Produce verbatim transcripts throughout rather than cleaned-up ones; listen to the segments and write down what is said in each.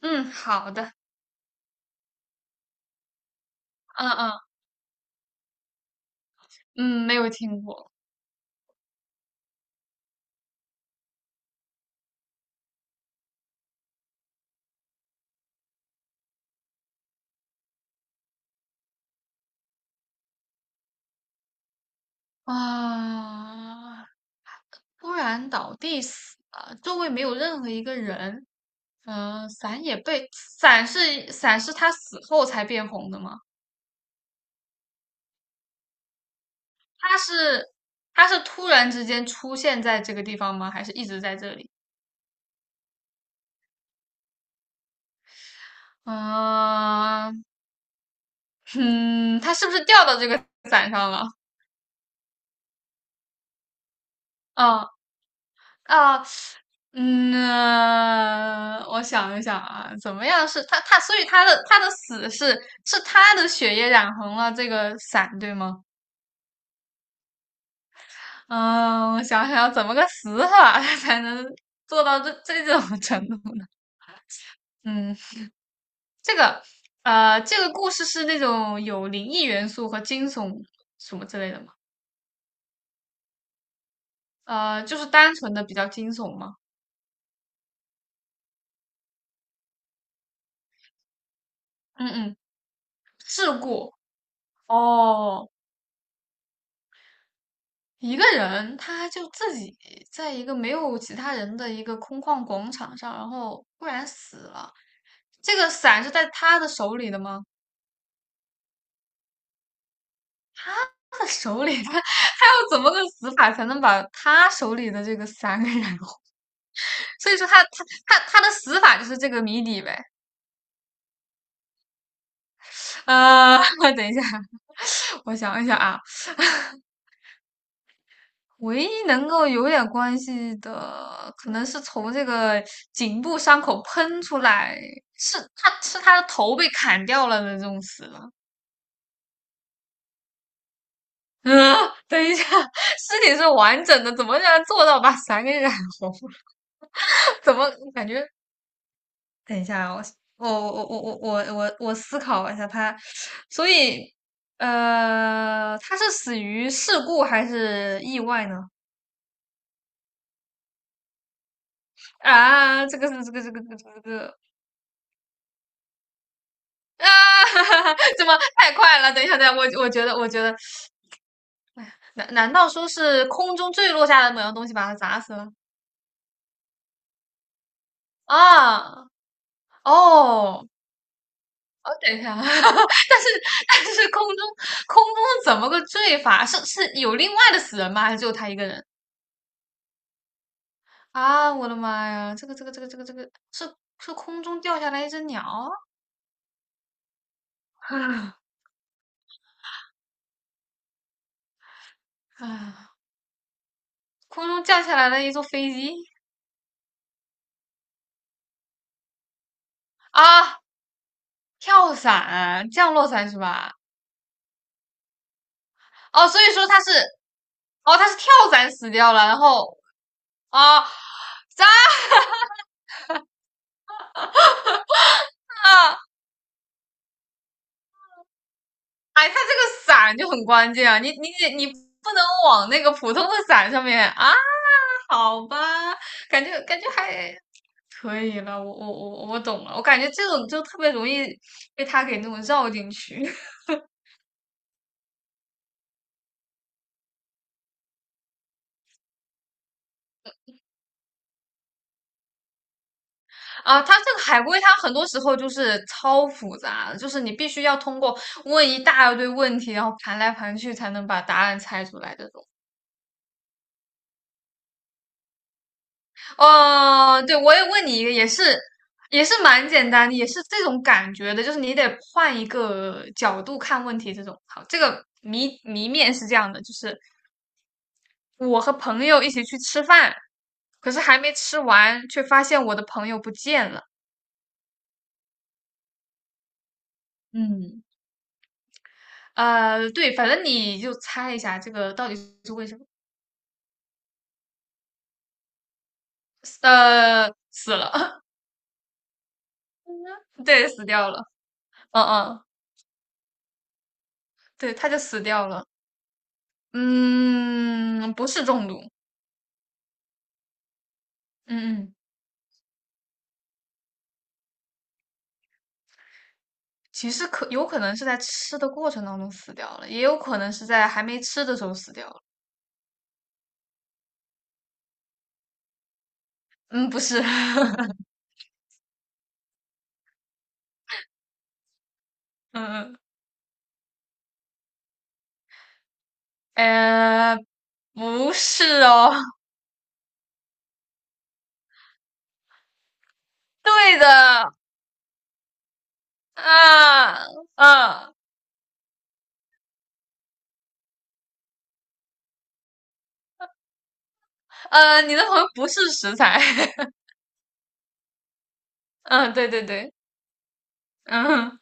嗯，好的。嗯嗯嗯，没有听过。啊，突然倒地死了，周围没有任何一个人。嗯、伞也被伞是伞是他死后才变红的吗？他是他是突然之间出现在这个地方吗？还是一直在这里？嗯、嗯，他是不是掉到这个伞上了？嗯啊，嗯，呃我想一想啊。怎么样是他他，所以他的他的死是是他的血液染红了这个伞，对吗？嗯，我想想怎么个死法 才能做到这这种程度呢？嗯，这个呃，这个故事是那种有灵异元素和惊悚什么之类的吗？呃，就是单纯的比较惊悚吗？嗯嗯，事故。哦，一个人他就自己在一个没有其他人的一个空旷广场上，然后忽然死了。这个伞是在他的手里的吗？他的手里。他他要怎么个死法才能把他手里的这个伞给燃？所以说他他他他的死法就是这个谜底呗。呃，等一下，我想一想啊。唯一能够有点关系的，可能是从这个颈部伤口喷出来，是他是他的头被砍掉了的这种死了。嗯，等一下，尸体是完整的，怎么能做到把伞给染红？怎么感觉？等一下啊，我我我我我我我我思考一下他。所以呃，他是死于事故还是意外呢？啊，这个是这个这个这个这个，啊，怎么太快了？等一下，等一下。我我觉得，我觉得，难难道说是空中坠落下来的某样东西把它砸死了？啊，哦，哦，等一下。但是但是空中空中是怎么个坠法？是是有另外的死人吗？还是只有他一个人？啊，我的妈呀，这个这个这个这个这个是是空中掉下来一只鸟？啊，啊，空中降下来了一座飞机？啊，跳伞，降落伞是吧？哦，所以说他是，哦，他是跳伞死掉了，然后啊，咋、啊？哎，他这个伞就很关键啊，你你得你不能往那个普通的伞上面啊。好吧。感觉感觉还可以了。我我我我懂了。我感觉这种就特别容易被他给那种绕进去。 啊，他这个海龟，它很多时候就是超复杂的，就是你必须要通过问一大堆问题，然后盘来盘去才能把答案猜出来这种。哦，对，我也问你一个，也是也是蛮简单的，也是这种感觉的，就是你得换一个角度看问题。这种好，这个谜谜面是这样的，就是我和朋友一起去吃饭，可是还没吃完，却发现我的朋友不见了。嗯，呃，对，反正你就猜一下这个到底是为什么？呃，死了。对，死掉了。嗯嗯，对，他就死掉了。嗯，不是中毒。嗯嗯。其实可有可能是在吃的过程当中死掉了，也有可能是在还没吃的时候死掉了。嗯，不是。嗯嗯，呃，不是哦。对的。啊啊呃，你的朋友不是食材。嗯，对对对。嗯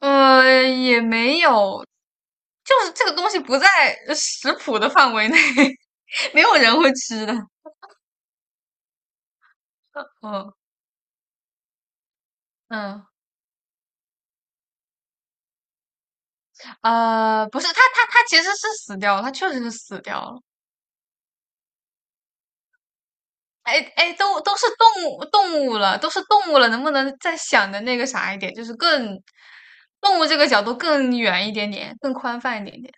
呃，也没有，就是这个东西不在食谱的范围内。没有人会吃的。嗯嗯呃，不是，他他他其实是死掉了，他确实是死掉了。哎哎，都都是动物动物了，都是动物了，能不能再想的那个啥一点，就是更动物这个角度更远一点点，更宽泛一点点？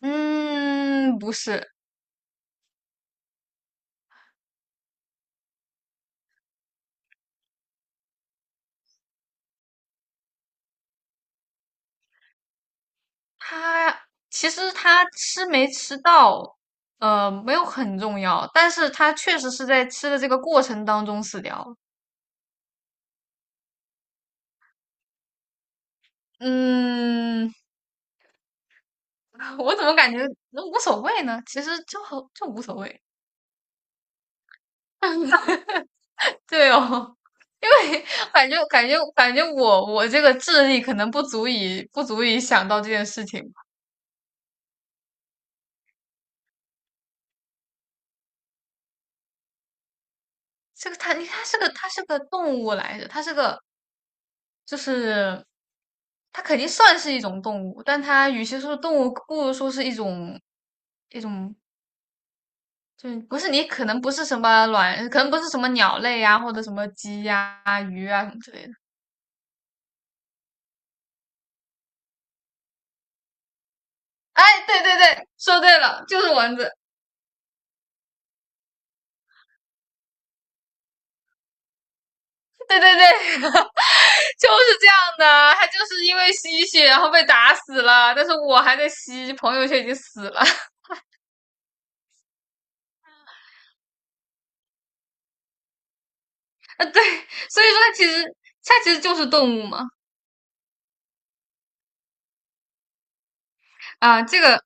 嗯，不是。他其实他吃没吃到，呃，没有很重要，但是他确实是在吃的这个过程当中死掉了。嗯，我怎么感觉那无所谓呢？其实就很就无所谓。对哦，因为感觉感觉感觉我我这个智力可能不足以不足以想到这件事情吧。这个它它是个它是个动物来着。它是个，就是它肯定算是一种动物，但它与其说是动物，不如说是一种，一种就是，不是，你可能不是什么卵，可能不是什么鸟类呀、或者什么鸡呀、鱼啊什么之类的。哎，对对对，说对了，就是蚊子。对对对，就是这样的。他就是因为吸血，然后被打死了，但是我还在吸，朋友却已经死了。啊，对，所以说他其实他其实就是动物嘛。啊，这个，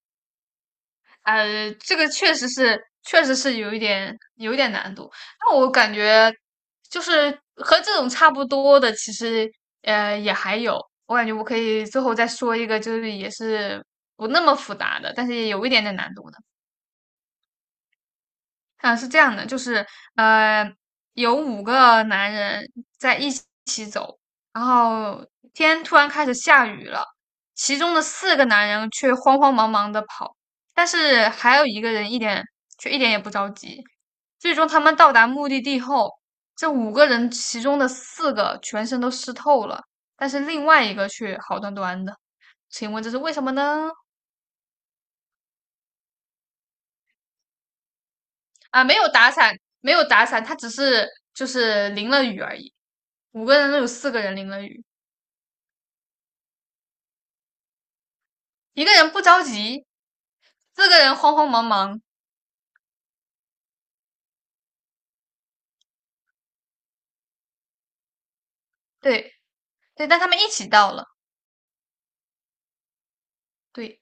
呃，这个确实是确实是有一点有一点难度。那我感觉就是和这种差不多的。其实呃也还有。我感觉我可以最后再说一个，就是也是不那么复杂的，但是也有一点点难度的。啊，是这样的，就是呃，有五个男人在一起走，然后天突然开始下雨了，其中的四个男人却慌慌忙忙的跑，但是还有一个人一点却一点也不着急。最终他们到达目的地后，这五个人其中的四个全身都湿透了，但是另外一个却好端端的。请问这是为什么呢？啊，没有打伞。没有打伞，他只是就是淋了雨而已。五个人都有四个人淋了雨，一个人不着急，四个人慌慌忙忙。对对，但他们一起到了。对。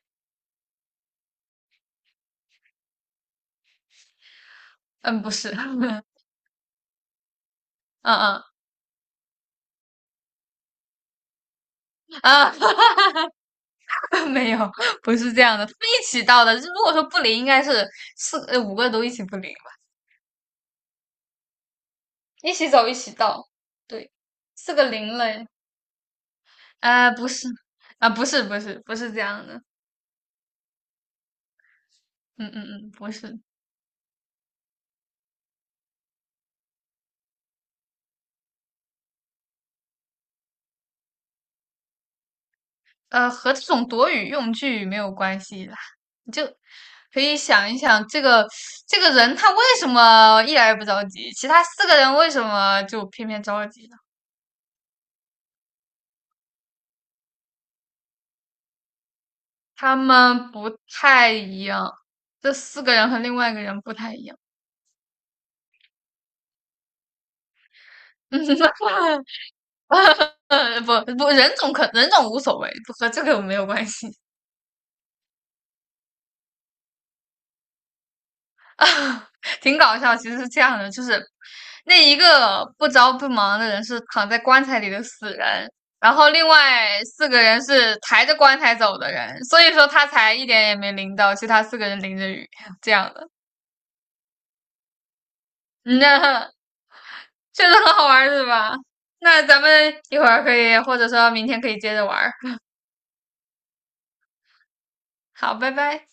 嗯，不是。嗯嗯，啊，没有，不是这样的，他们一起到的。如果说不淋，应该是四呃五个都一起不淋吧，一起走一起到。对，四个淋了。啊、不是，啊、不是不是不是这样的。嗯嗯嗯，不是。呃，和这种躲雨用具没有关系啦，你就可以想一想，这个这个人他为什么一点也不着急，其他四个人为什么就偏偏着急呢？他们不太一样，这四个人和另外一个人不太一样。嗯，不不，人种可人种无所谓，和这个没有关系。挺搞笑。其实是这样的，就是那一个不着不忙的人是躺在棺材里的死人，然后另外四个人是抬着棺材走的人，所以说他才一点也没淋到，其他四个人淋着雨这样的。嗯，那 确实很好玩，是吧？那咱们一会儿可以，或者说明天可以接着玩儿。好，拜拜。